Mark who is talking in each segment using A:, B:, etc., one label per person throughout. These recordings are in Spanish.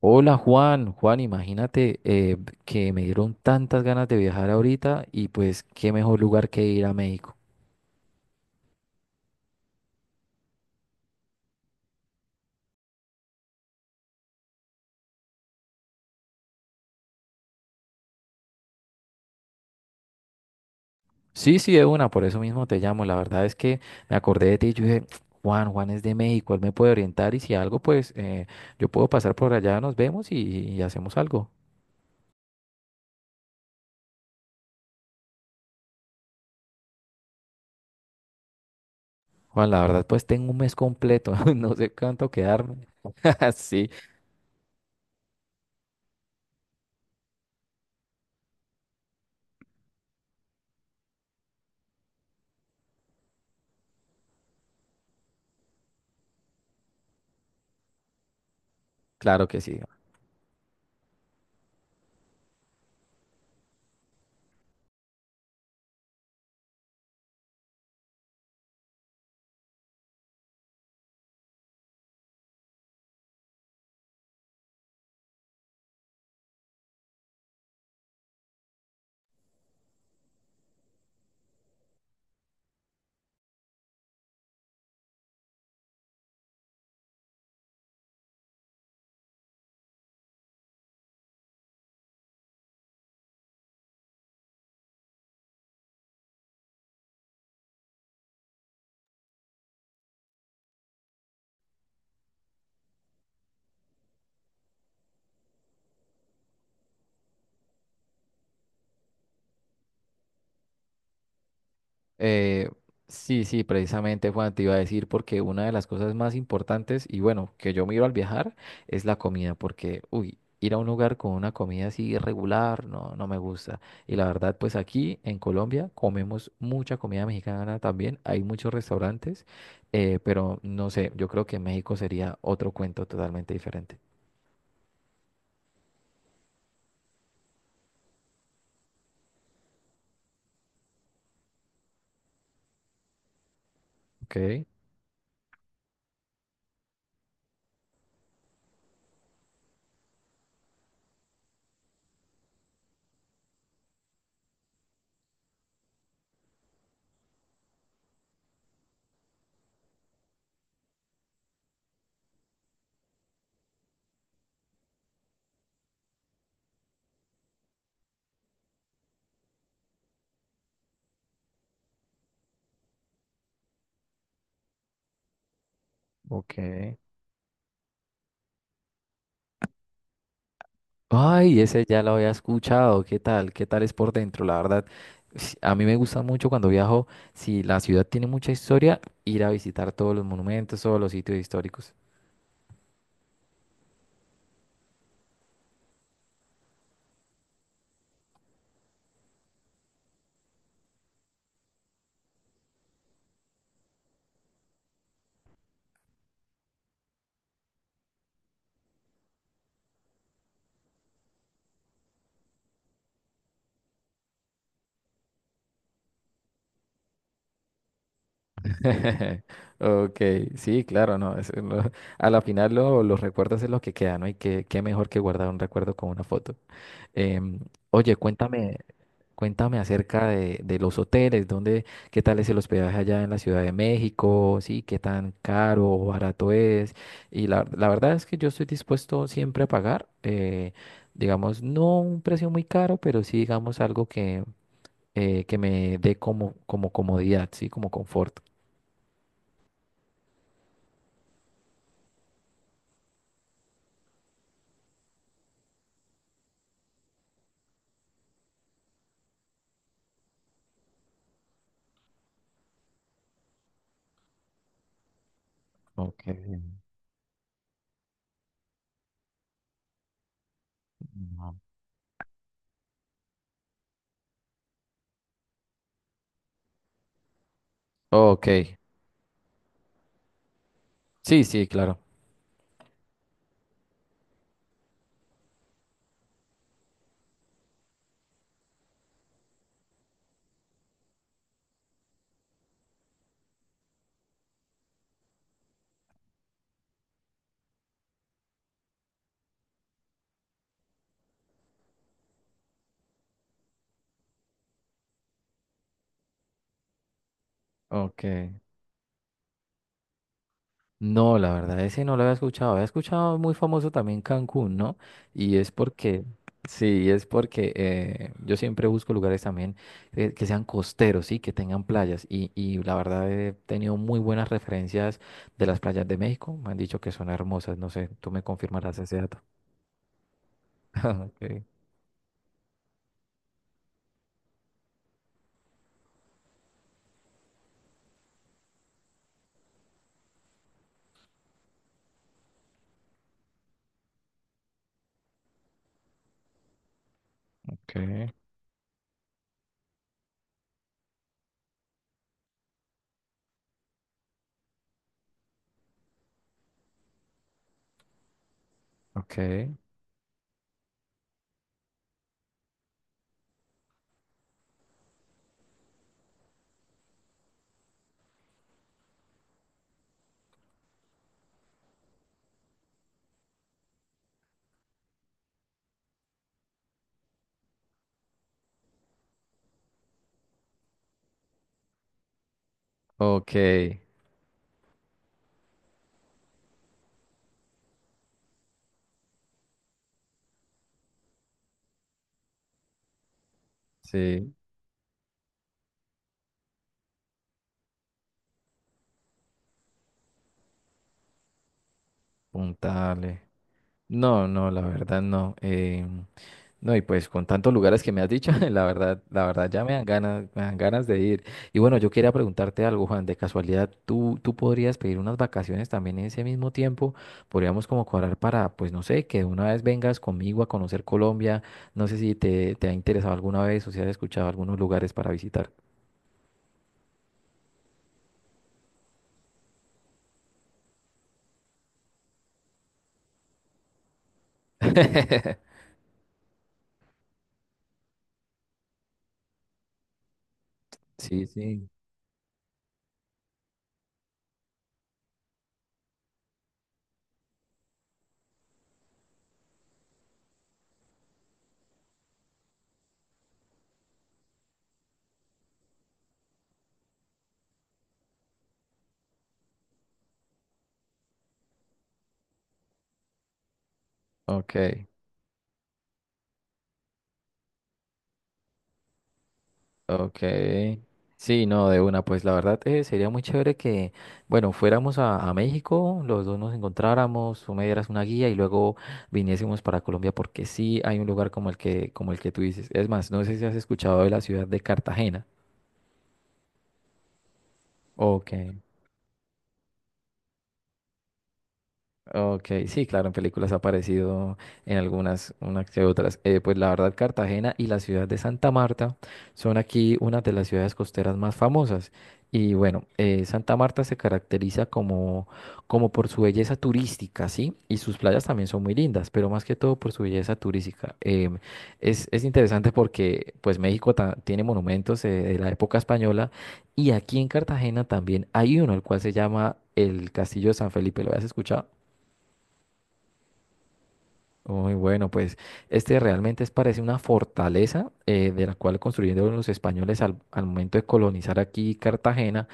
A: Hola Juan, Juan, imagínate que me dieron tantas ganas de viajar ahorita y pues qué mejor lugar que ir a México. Sí, sí, de una, por eso mismo te llamo. La verdad es que me acordé de ti y yo dije, Juan, Juan es de México, él me puede orientar y si algo, pues yo puedo pasar por allá, nos vemos y hacemos algo. Juan, la verdad, pues tengo un mes completo, no sé cuánto quedarme. Sí, claro que sí. Eh, sí, sí, precisamente Juan te iba a decir porque una de las cosas más importantes y bueno, que yo miro al viajar es la comida porque, uy, ir a un lugar con una comida así irregular no me gusta. Y la verdad, pues aquí en Colombia comemos mucha comida mexicana también, hay muchos restaurantes, pero no sé, yo creo que México sería otro cuento totalmente diferente. Ok. Ok. Ay, ese ya lo había escuchado. ¿Qué tal? ¿Qué tal es por dentro? La verdad, sí, a mí me gusta mucho cuando viajo, si la ciudad tiene mucha historia, ir a visitar todos los monumentos, todos los sitios históricos. Ok, sí, claro, no. Eso es a la final los recuerdos es lo que queda, ¿no? Y qué, qué mejor que guardar un recuerdo con una foto. Em, oye, cuéntame, cuéntame acerca de los hoteles, dónde, qué tal es el hospedaje allá en la Ciudad de México, sí, qué tan caro o barato es. Y la verdad es que yo estoy dispuesto siempre a pagar, digamos, no un precio muy caro, pero sí, digamos, algo que me dé como, como comodidad, sí, como confort. Ok. No. Ok, sí, sí, claro. Ok. No, la verdad, ese no lo había escuchado. Había escuchado muy famoso también Cancún, ¿no? Y es sí, es porque yo siempre busco lugares también que sean costeros, sí, que tengan playas. Y la verdad he tenido muy buenas referencias de las playas de México. Me han dicho que son hermosas. No sé, tú me confirmarás ese dato. Okay, okay, okay, okay, sí, puntale. No, no, la verdad no. No, y pues con tantos lugares que me has dicho, la verdad ya me dan ganas de ir. Y bueno, yo quería preguntarte algo, Juan, de casualidad, tú podrías pedir unas vacaciones también en ese mismo tiempo? Podríamos como cuadrar para, pues no sé, que de una vez vengas conmigo a conocer Colombia. No sé si te ha interesado alguna vez o si has escuchado algunos lugares para visitar. Sí, sí. Ok. Ok. Sí, no, de una, pues la verdad sería muy chévere que, bueno, fuéramos a México, los dos nos encontráramos, tú me dieras una guía y luego viniésemos para Colombia porque sí hay un lugar como el que tú dices. Es más, no sé si has escuchado de la ciudad de Cartagena. Ok. Ok, sí, claro, en películas ha aparecido en algunas, unas que otras. Pues la verdad, Cartagena y la ciudad de Santa Marta son aquí una de las ciudades costeras más famosas. Y bueno, Santa Marta se caracteriza como, como por su belleza turística, ¿sí? Y sus playas también son muy lindas, pero más que todo por su belleza turística. Es interesante porque pues México tiene monumentos de la época española y aquí en Cartagena también hay uno, el cual se llama el Castillo de San Felipe. ¿Lo habías escuchado? Muy bueno, pues este realmente es, parece una fortaleza de la cual construyeron los españoles al momento de colonizar aquí Cartagena,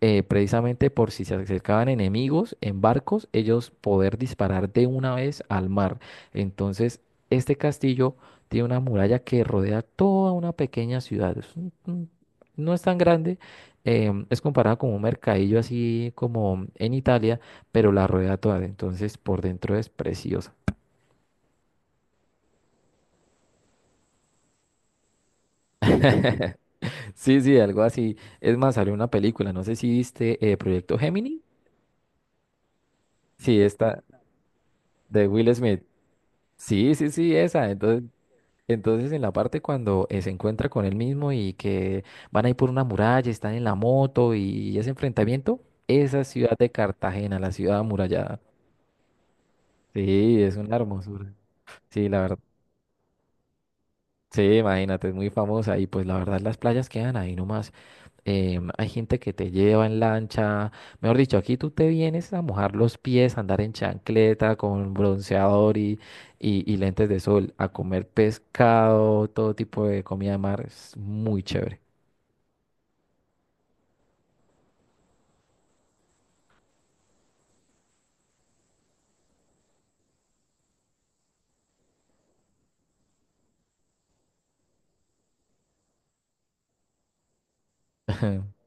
A: precisamente por si se acercaban enemigos en barcos, ellos poder disparar de una vez al mar. Entonces, este castillo tiene una muralla que rodea toda una pequeña ciudad. Es no es tan grande, es comparado con un mercadillo así como en Italia, pero la rodea toda. Entonces, por dentro es preciosa. Sí, sí, algo así. Es más, salió una película, no sé si viste Proyecto Gemini. Sí, esta de Will Smith. Sí, sí, sí, esa. Entonces, entonces en la parte cuando se encuentra con él mismo y que van a ir por una muralla, están en la moto y ese enfrentamiento, esa ciudad de Cartagena, la ciudad amurallada. Sí, es una hermosura. Sí, la verdad. Sí, imagínate, es muy famosa y pues la verdad las playas quedan ahí nomás. Hay gente que te lleva en lancha, mejor dicho, aquí tú te vienes a mojar los pies, a andar en chancleta con bronceador y lentes de sol, a comer pescado, todo tipo de comida de mar, es muy chévere.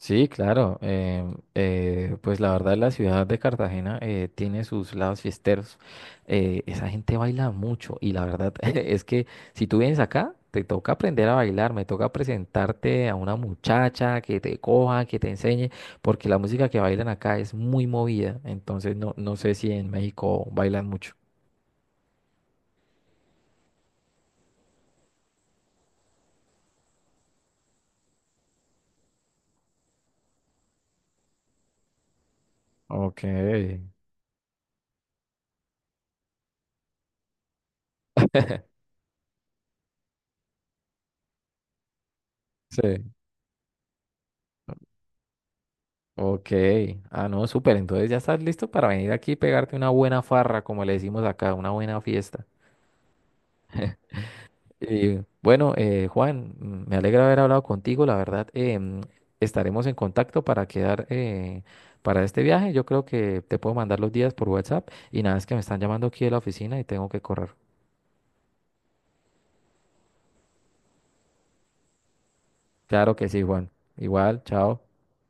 A: Sí, claro. Pues la verdad, la ciudad de Cartagena tiene sus lados fiesteros. Eh, esa gente baila mucho y la verdad es que si tú vienes acá, te toca aprender a bailar, me toca presentarte a una muchacha que te coja, que te enseñe, porque la música que bailan acá es muy movida. Entonces, no, no sé si en México bailan mucho. Ok, sí. Ok, ah no, súper, entonces ya estás listo para venir aquí y pegarte una buena farra, como le decimos acá, una buena fiesta. Y bueno, Juan, me alegra haber hablado contigo. La verdad, estaremos en contacto para quedar para este viaje. Yo creo que te puedo mandar los días por WhatsApp. Y nada, es que me están llamando aquí de la oficina y tengo que correr. Claro que sí, Juan. Igual, chao.